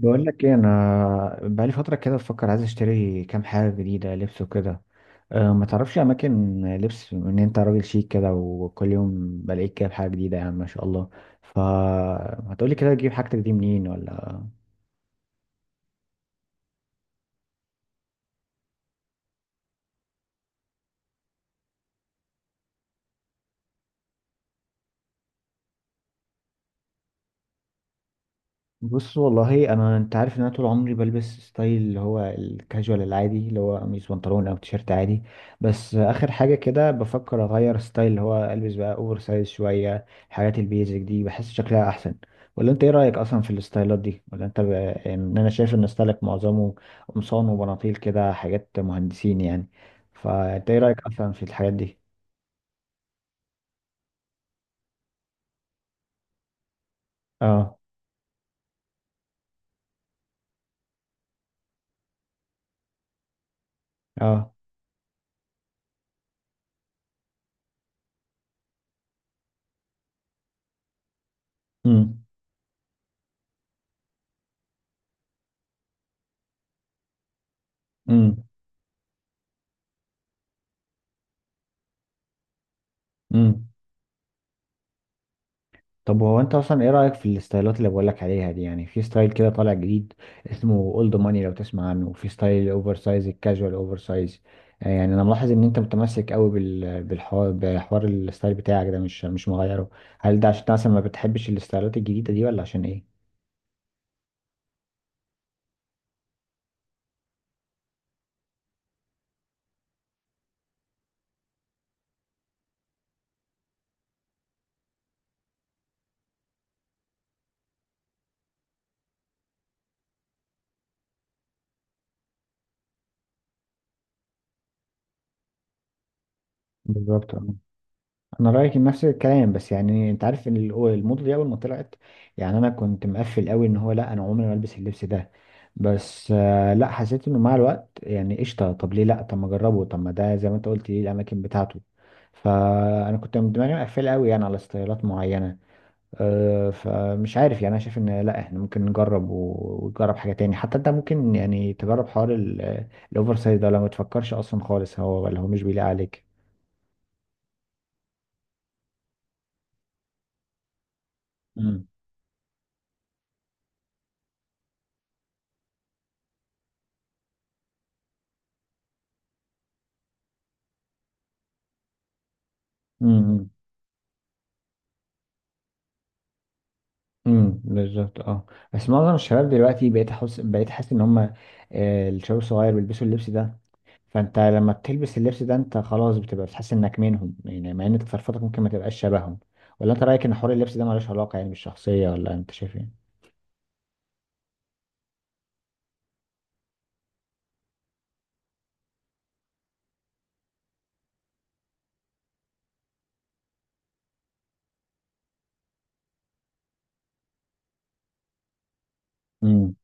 بقول لك ايه، انا بقالي فتره كده بفكر، عايز اشتري كام حاجه جديده لبس وكده. ما تعرفش اماكن لبس، ان انت راجل شيك كده، وكل يوم بلاقيك كده بحاجه جديده يعني ما شاء الله. فهتقولي كده تجيب حاجتك دي منين ولا؟ بص والله انت عارف ان انا طول عمري بلبس ستايل اللي هو الكاجوال العادي، اللي هو قميص بنطلون او تيشيرت عادي. بس اخر حاجه كده بفكر اغير ستايل، اللي هو البس بقى اوفر سايز شويه. الحاجات البيزك دي بحس شكلها احسن. ولا انت ايه رايك اصلا في الستايلات دي؟ ولا انت يعني، ان انا شايف ان ستايلك معظمه قمصان وبناطيل كده، حاجات مهندسين يعني. فانت ايه رايك اصلا في الحاجات دي؟ اه. اه. امم. امم. امم. طب هو انت اصلا ايه رأيك في الستايلات اللي بقولك عليها دي؟ يعني في ستايل كده طالع جديد اسمه اولد ماني، لو تسمع عنه، وفي ستايل الاوفر سايز، الكاجوال اوفر سايز. يعني انا ملاحظ ان انت متمسك قوي بال- بالحوار بحوار الستايل بتاعك ده، مش مغيره. هل ده عشان انت مثلا ما بتحبش الستايلات الجديدة دي، ولا عشان ايه؟ بالظبط. انا رايي كان نفس الكلام، بس يعني انت عارف ان الموضه دي اول ما طلعت، يعني انا كنت مقفل قوي ان هو لا، انا عمري ما البس اللبس ده. بس لا، حسيت انه مع الوقت يعني قشطه، طب ليه لا، طب ما اجربه، طب ما ده زي ما انت قلت ليه الاماكن بتاعته. فانا كنت من دماغي مقفل قوي يعني على ستايلات معينه. فمش عارف يعني، انا شايف ان لا، احنا ممكن نجرب ونجرب حاجه تاني. حتى انت ممكن يعني تجرب حوار الاوفر سايز ده، لو ما تفكرش اصلا خالص هو، ولا هو مش بيليق عليك. امم. امم. بالظبط. اه. بس معظم الشباب دلوقتي بقيت حاسس ان هم، الشباب الصغير، بيلبسوا اللبس ده. فانت لما بتلبس اللبس ده، انت خلاص بتبقى بتحس انك منهم، يعني مع ان تصرفاتك ممكن ما تبقاش شبههم. ولا انت رايك ان حوار اللبس ده ملوش علاقه يعني بالشخصيه؟ ولا انت شايف ايه؟ امم.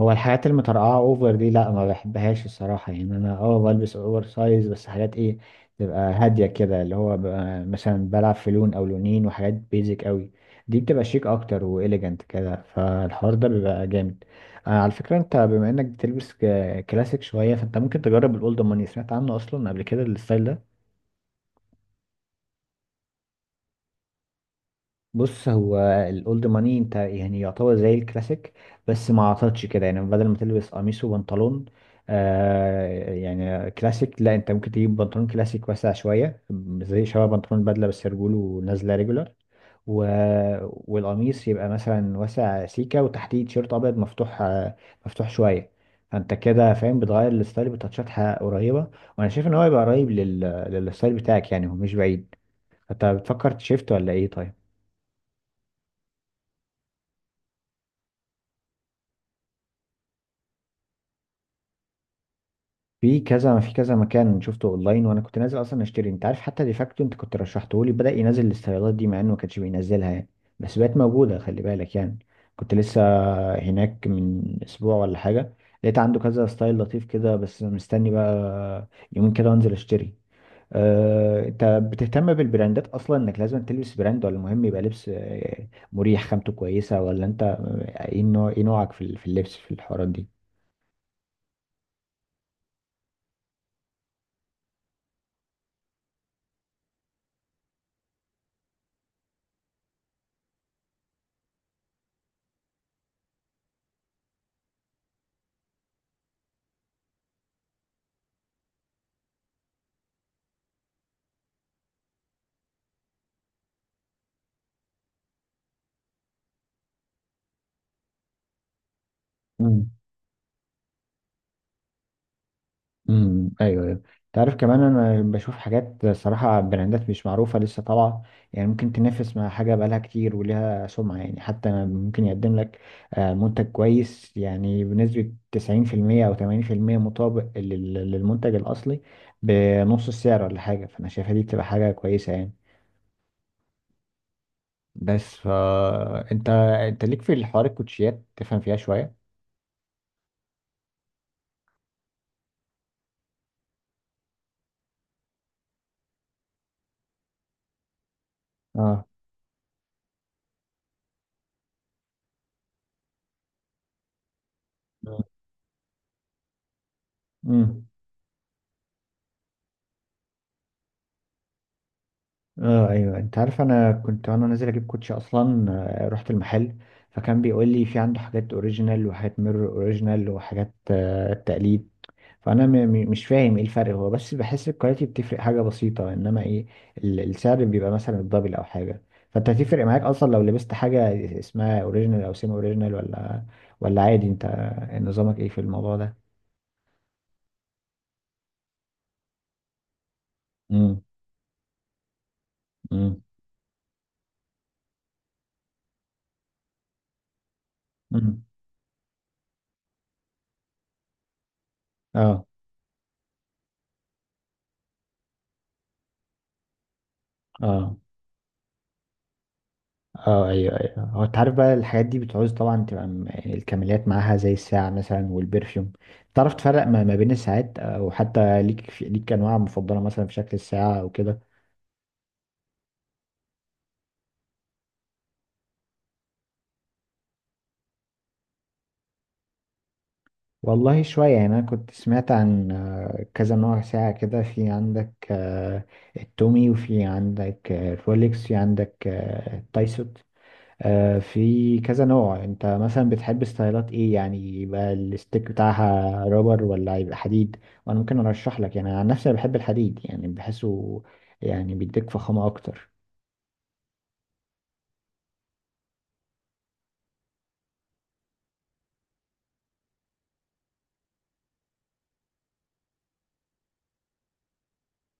هو الحاجات المترقعة اوفر دي لا، ما بحبهاش الصراحة. يعني انا بلبس اوفر سايز، بس حاجات ايه، تبقى هادية كده، اللي هو ببقى مثلا بلعب في لون او لونين، وحاجات بيزك قوي. دي بتبقى شيك اكتر واليجنت كده، فالحوار ده بيبقى جامد. على فكرة، انت بما انك بتلبس كلاسيك شوية، فانت ممكن تجرب الاولد ماني. سمعت عنه اصلا قبل كده الستايل ده؟ بص، هو الاولد ماني انت يعني يعتبر زي الكلاسيك، بس ما عطتش كده. يعني بدل ما تلبس قميص وبنطلون يعني كلاسيك، لا، انت ممكن تجيب بنطلون كلاسيك واسع شويه، زي شبه بنطلون بدله، بس رجوله نازله ريجولار، و... والقميص يبقى مثلا واسع سيكه، وتحتيه تيشيرت ابيض مفتوح، مفتوح شويه. فانت كده فاهم، بتغير الستايل بتاتشات قريبه. وانا شايف ان هو يبقى قريب للستايل بتاعك، يعني هو مش بعيد. انت بتفكر تشيفت ولا ايه؟ طيب، في كذا مكان شفته اونلاين، وانا كنت نازل اصلا اشتري. انت عارف، حتى ديفاكتو انت كنت رشحته لي، بدأ ينزل الاستيرادات دي، مع انه ما كانش بينزلها يعني. بس بقت موجودة، خلي بالك يعني. كنت لسه هناك من اسبوع ولا حاجة، لقيت عنده كذا ستايل لطيف كده. بس مستني بقى يومين كده وانزل اشتري. انت بتهتم بالبراندات اصلا، انك لازم تلبس براند، ولا مهم يبقى لبس مريح، خامته كويسة؟ ولا انت ايه نوعك في اللبس، في الحوارات دي؟ امم، ايوه ايوه. تعرف كمان، انا بشوف حاجات صراحه، براندات مش معروفه لسه طالعه، يعني ممكن تنافس مع حاجه بقالها كتير ولها سمعه. يعني حتى ممكن يقدم لك منتج كويس، يعني بنسبه 90% او 80% مطابق للمنتج الاصلي بنص السعر ولا حاجه. فانا شايفها دي بتبقى حاجه كويسه يعني. بس انت ليك في الحوار الكوتشيات، تفهم فيها شويه؟ اه. امم. اه ايوه انت عارف انا كنت وانا نازل اجيب كوتشي اصلا آه، رحت المحل فكان بيقول لي في عنده حاجات اوريجينال وحاجات ميرور اوريجينال وحاجات آه، تقليد فانا م م مش فاهم ايه الفرق هو بس بحس الكواليتي بتفرق حاجه بسيطه انما ايه ال- السعر بيبقى مثلا الدبل او حاجه فانت هتفرق معاك اصلا لو لبست حاجه اسمها اوريجينال او سيمي اوريجينال ولا ولا عادي انت نظامك ايه في الموضوع ده امم امم امم اه اه اه ايوه ايوه. هو انت عارف بقى الحاجات دي بتعوز طبعا تبقى يعني الكماليات معاها، زي الساعة مثلا والبرفيوم. تعرف تفرق ما بين الساعات؟ او حتى ليك انواع مفضلة مثلا في شكل الساعة او كده؟ والله شوية. يعني انا كنت سمعت عن كذا نوع ساعة كده، في عندك التومي، وفي عندك الرولكس، في عندك التايسوت. في كذا نوع. انت مثلا بتحب ستايلات ايه؟ يعني يبقى الستيك بتاعها رابر، ولا يبقى حديد؟ وانا ممكن ارشح لك. يعني عن نفسي أنا بحب الحديد، يعني بحسه يعني بيديك فخامة اكتر.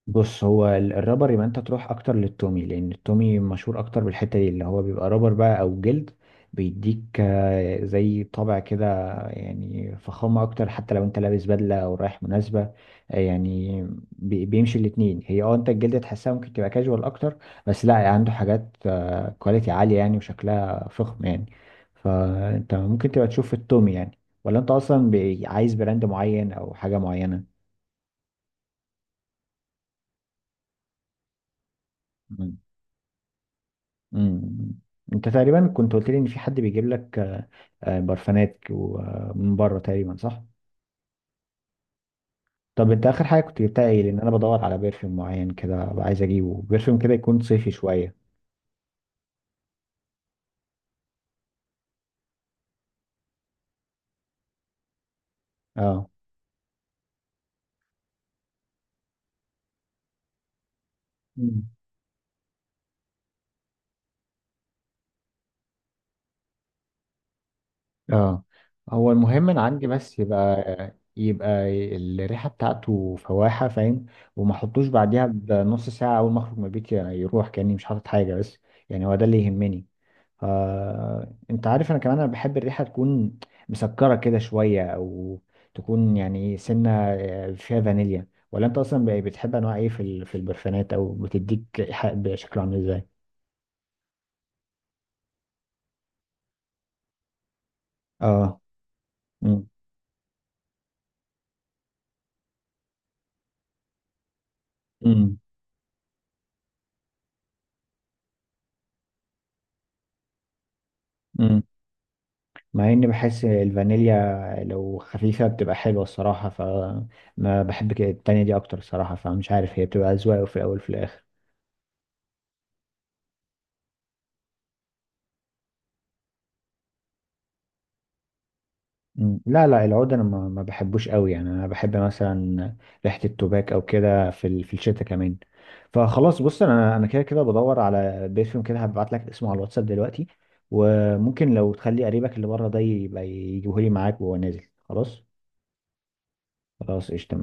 بص، هو الرابر يبقى انت تروح اكتر للتومي، لان التومي مشهور اكتر بالحته دي، اللي هو بيبقى رابر بقى او جلد. بيديك زي طابع كده، يعني فخامه اكتر، حتى لو انت لابس بدله او رايح مناسبه. آه، يعني بيمشي الاتنين. هي انت الجلد تحسها ممكن تبقى كاجوال اكتر، بس لا، عنده حاجات كواليتي عاليه يعني وشكلها فخم يعني، فانت ممكن تبقى تشوف التومي يعني. ولا انت اصلا عايز براند معين او حاجه معينه؟ مم. انت تقريبا كنت قلت لي ان في حد بيجيب لك، برفانات من بره تقريبا، صح؟ طب انت اخر حاجه كنت جبتها ايه؟ لان انا بدور على برفيوم معين كده، أبقى عايز اجيبه، برفيوم كده يكون صيفي شويه. اه. مم. اه. هو المهم انا عندي، بس يبقى الريحه بتاعته فواحه، فاهم؟ وما احطوش بعديها بنص ساعه، اول ما اخرج من البيت يعني يروح كاني مش حاطط حاجه. بس يعني هو ده اللي يهمني. انت عارف، انا كمان انا بحب الريحه تكون مسكره كده شويه، او تكون يعني سنه فيها فانيليا. ولا انت اصلا بتحب انواع ايه في البرفانات؟ او بتديك ريحه بشكل عامل ازاي؟ اه. امم. امم. امم. مع اني بحس الفانيليا لو خفيفه بتبقى حلوه الصراحه، فما بحب كده، التانية دي اكتر الصراحه. فمش عارف، هي بتبقى اذواق في الاول وفي الاخر. مم. لا لا، العود انا ما بحبوش قوي. يعني انا بحب مثلا ريحه التوباك او كده في الشتاء كمان. فخلاص، بص، انا كده كده بدور على بيرفيوم كده، هبعت لك اسمه على الواتساب دلوقتي. وممكن لو تخلي قريبك اللي بره ده يبقى يجيبه لي معاك وهو نازل. خلاص. خلاص قشطه.